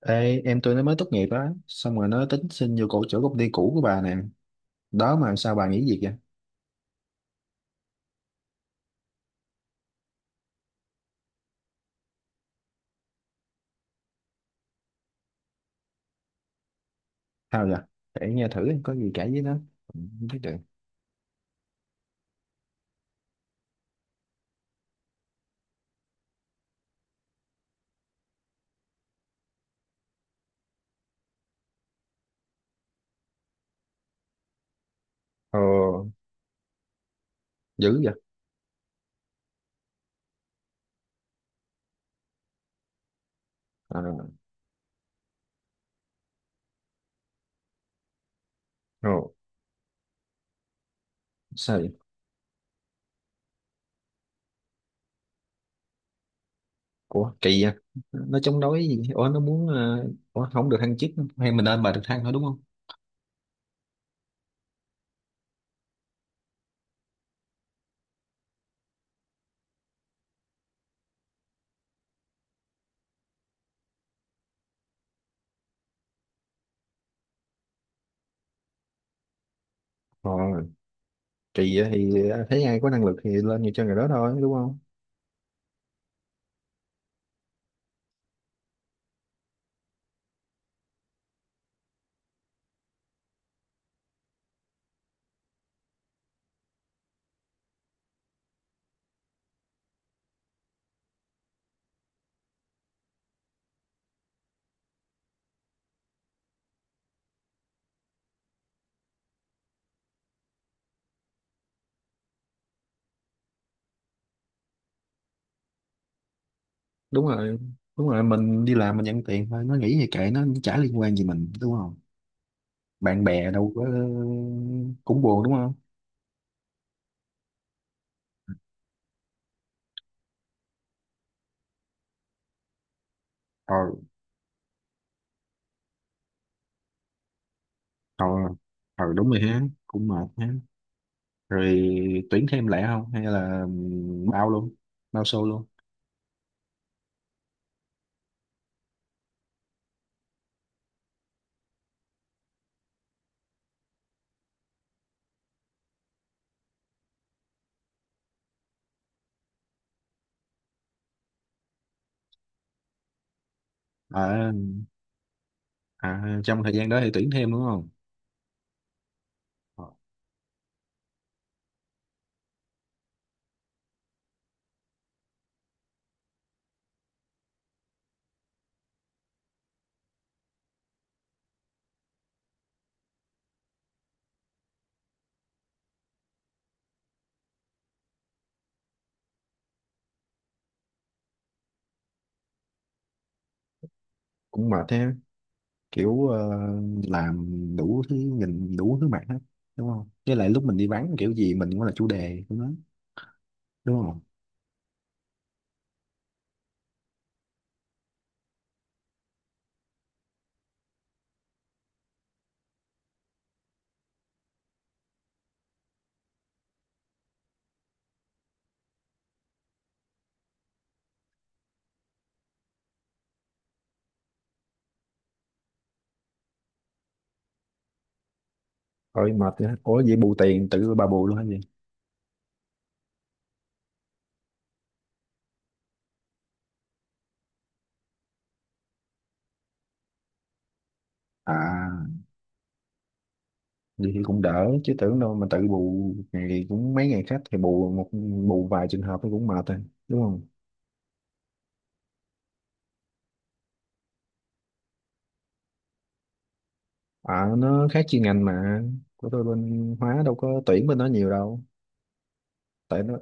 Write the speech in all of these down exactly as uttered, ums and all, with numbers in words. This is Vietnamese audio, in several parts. Ê, em tôi nó mới tốt nghiệp á, xong rồi nó tính xin vô cổ chỗ công ty cũ của bà nè đó, mà sao bà nghĩ gì vậy? Sao vậy? Để nghe thử có gì cãi với nó. Ừ, không biết được. Ờ, dữ vậy? ờ ờ, Sao vậy? Ủa kỳ vậy? Nó chống đối gì? Ủa nó muốn ờ, ủa không được thăng chức, hay mình lên bà được thăng thôi đúng không? Ờ, kỳ vậy thì thấy ai có năng lực thì lên nhiều cho người đó thôi, đúng không? Đúng rồi, đúng rồi, mình đi làm mình nhận tiền thôi, nó nghĩ gì kệ nó, chả liên quan gì mình, đúng. Bạn bè đâu có. Cũng buồn đúng không? ờ ờ ờ Đúng rồi ha. Cũng mệt ha. Rồi, tuyển thêm lẻ không hay là bao luôn, bao xô luôn? À, à trong thời gian đó thì tuyển thêm đúng không? Ờ, cũng mệt ha, kiểu ờ, làm đủ thứ, nhìn đủ thứ mặt hết, đúng không? Với lại lúc mình đi vắng kiểu gì mình cũng là chủ đề của nó, đúng không? Ôi mệt ha, ủa vậy bù tiền tự bà bù luôn hay gì? À, vậy thì cũng đỡ, chứ tưởng đâu mà tự bù, ngày cũng mấy ngày khách thì bù một, bù vài trường hợp thì cũng mệt rồi, đúng không? À, nó khác chuyên ngành mà, của tôi bên hóa đâu có tuyển bên đó nhiều đâu. Tại nó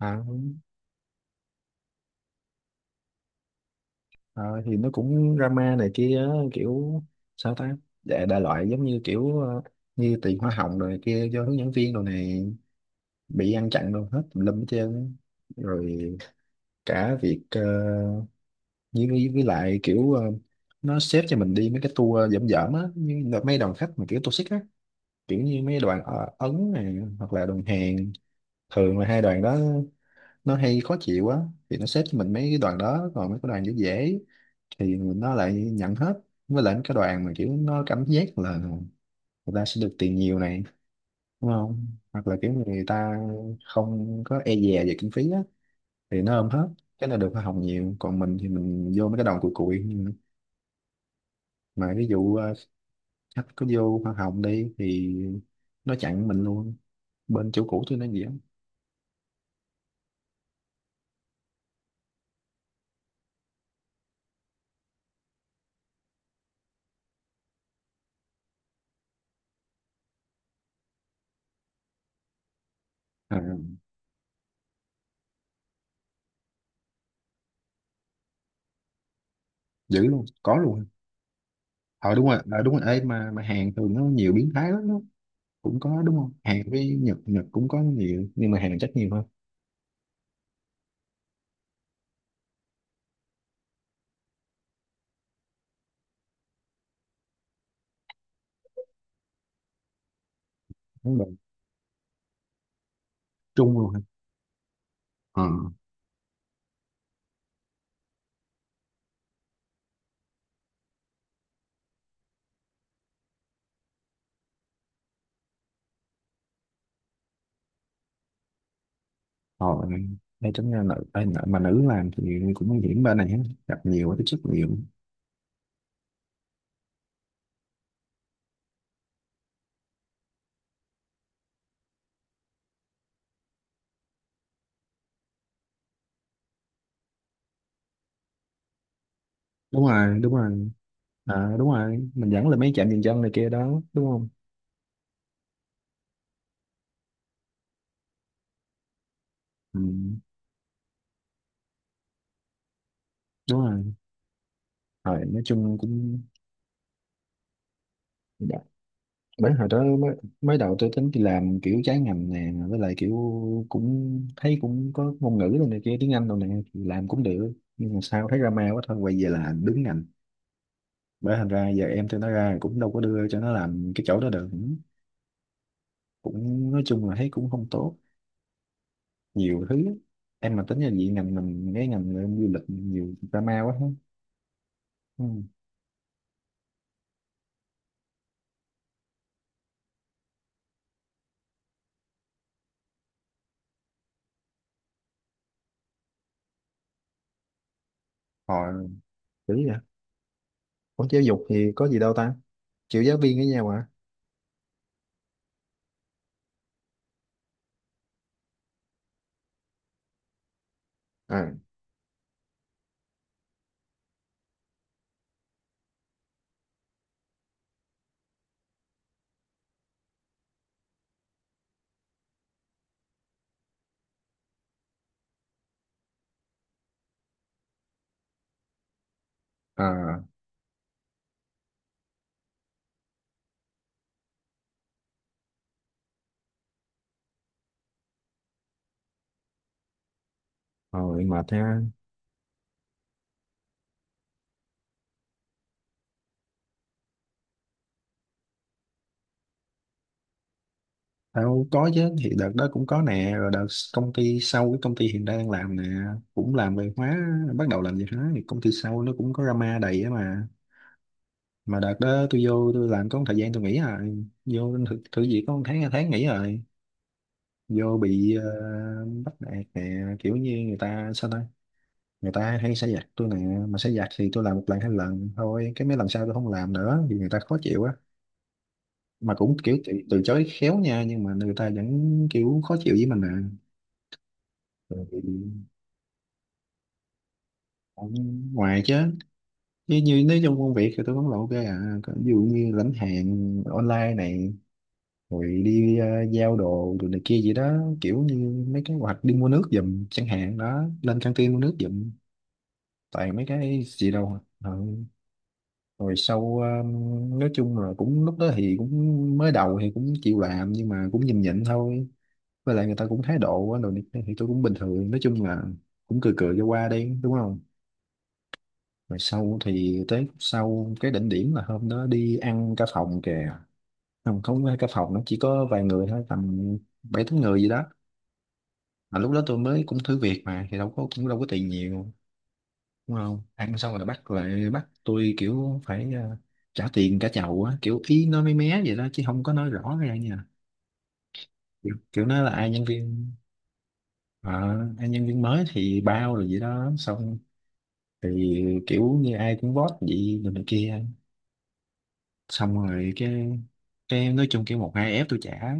à, à thì nó cũng drama này kia á, kiểu sao ta, đại, đại loại giống như kiểu ờ, như tiền hoa hồng rồi này kia cho hướng dẫn viên rồi này, bị ăn chặn đâu hết, tùm lum hết trơn á. Rồi cả việc ờ, với, với, với lại kiểu ờ, nó xếp cho mình đi mấy cái tour dởm dởm á, như là mấy đoàn khách mà kiểu tour toxic á, kiểu như mấy đoàn ờ, Ấn này hoặc là đoàn Hàn, thường là hai đoàn đó nó hay khó chịu á. Thì nó xếp cho mình mấy cái đoàn đó, còn mấy cái đoàn dễ dễ thì nó lại nhận hết. Với lại mấy cái đoàn mà kiểu nó cảm giác là người ta sẽ được tiền nhiều này, đúng không, hoặc là kiểu người ta không có e dè về kinh phí á thì nó ôm hết. Cái này được hoa hồng nhiều, còn mình thì mình vô mấy cái đoàn cùi cùi, mà ví dụ ờ, khách có vô hoa hồng đi thì nó chặn mình luôn. Bên chỗ cũ tôi nó gì á. À, dữ luôn có luôn. Ờ đúng rồi, ờ đúng rồi, ê mà mà Hàn thường nó nhiều biến thái lắm đó. Cũng có đúng không? Hàn với Nhật, Nhật cũng có nhiều nhưng mà Hàn chắc nhiều hơn. Đúng rồi. Trung luôn hả? Ờ. Rồi, đây tính ra nữ, ê, nữ- mà nữ làm thì cũng nguy hiểm bên này ha, gặp nhiều, tiếp xúc nhiều. Đúng rồi, đúng rồi. À, đúng rồi, mình dẫn lên mấy trạm dừng chân này kia đó đúng không. Ừ, đúng rồi. Rồi nói chung cũng. Dạ. Bởi hồi đó mới, mới đầu tôi tính đi làm kiểu trái ngành nè, với lại kiểu cũng thấy cũng có ngôn ngữ rồi này kia, tiếng Anh rồi nè, thì làm cũng được nhưng mà sao thấy drama quá, thôi quay về là đứng ngành. Bởi thành ra giờ em tôi nó ra cũng đâu có đưa cho nó làm cái chỗ đó được. Cũng nói chung là thấy cũng không tốt, nhiều thứ lắm. Em mà tính là gì, ngành mình, cái ngành em du lịch nhiều drama quá hết. Ừ. Hồi kiểu vậy. Ủa giáo dục thì có gì đâu ta, chịu giáo viên với nhau à? À, à. Rồi mệt ha. Tao có chứ, thì đợt đó cũng có nè, rồi đợt công ty sau, cái công ty hiện đang đang làm nè, cũng làm về hóa. Bắt đầu làm về hóa thì công ty sau nó cũng có drama đầy á mà. Mà đợt đó tôi vô tôi làm có một thời gian tôi nghỉ rồi, vô thử, thử việc có một tháng hai tháng nghỉ rồi. Vô bị ờ, bắt nạt nè, kiểu như người ta sao ta, người ta hay xả giặc tôi nè. Mà xả giặc thì tôi làm một lần hai lần thôi, cái mấy lần sau tôi không làm nữa vì người ta khó chịu á. Mà cũng kiểu từ, từ chối khéo nha, nhưng mà người ta vẫn kiểu khó chịu với mình. Nè. Cũng ngoài chứ. Như, như nếu trong công việc thì tôi vẫn là ok à, còn ví dụ như lãnh hàng online này, rồi đi ờ, giao đồ rồi này kia gì đó, kiểu như mấy cái, hoặc đi mua nước giùm chẳng hạn đó, lên căng tin mua nước giùm, toàn mấy cái gì đâu à. Ờ. Rồi sau ờ, nói chung là cũng lúc đó thì cũng mới đầu thì cũng chịu làm nhưng mà cũng nhịn nhịn thôi, với lại người ta cũng thái độ á, đồ này kia, thì tôi cũng bình thường, nói chung là cũng cười cười cho qua đi đúng không. Rồi sau thì tới sau, cái đỉnh điểm là hôm đó đi ăn cả phòng kìa, không không phải cả phòng, nó chỉ có vài người thôi, tầm bảy tám người gì đó. Mà lúc đó tôi mới cũng thử việc mà, thì đâu có, cũng đâu có tiền nhiều đúng không. Ăn xong rồi bắt lại, bắt tôi kiểu phải ờ, trả tiền cả chầu á, kiểu ý nói mé mé vậy đó chứ không có nói rõ ra nha. Kiểu, kiểu nói là ai nhân viên ờ, ai nhân viên mới thì bao rồi vậy đó, xong thì kiểu như ai cũng vote vậy rồi này kia. Xong rồi cái cái nói chung kiểu một hai ép tôi trả.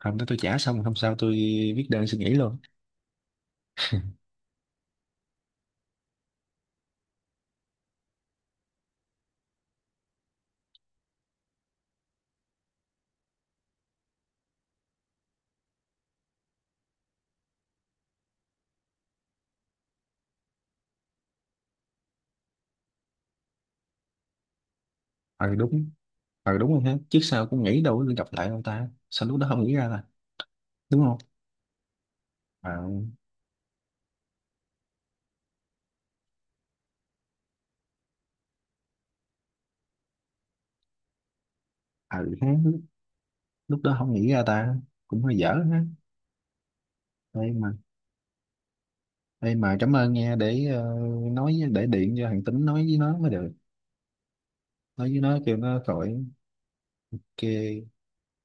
Hôm đó tôi trả xong, hôm sau tôi viết đơn xin nghỉ luôn. Ờ đúng, ờ đúng rồi ha, trước sau cũng nghĩ đâu có gặp lại ông ta, sao lúc đó không nghĩ ra ta, đúng không? Ờ ờ ha, lúc lúc đó không nghĩ ra ta, cũng hơi dở ha. Đây mà, đây mà cảm ơn nha, để ờ, nói với- để điện cho thằng Tính nói với nó mới được. Nói với nó kêu nó khỏi kê.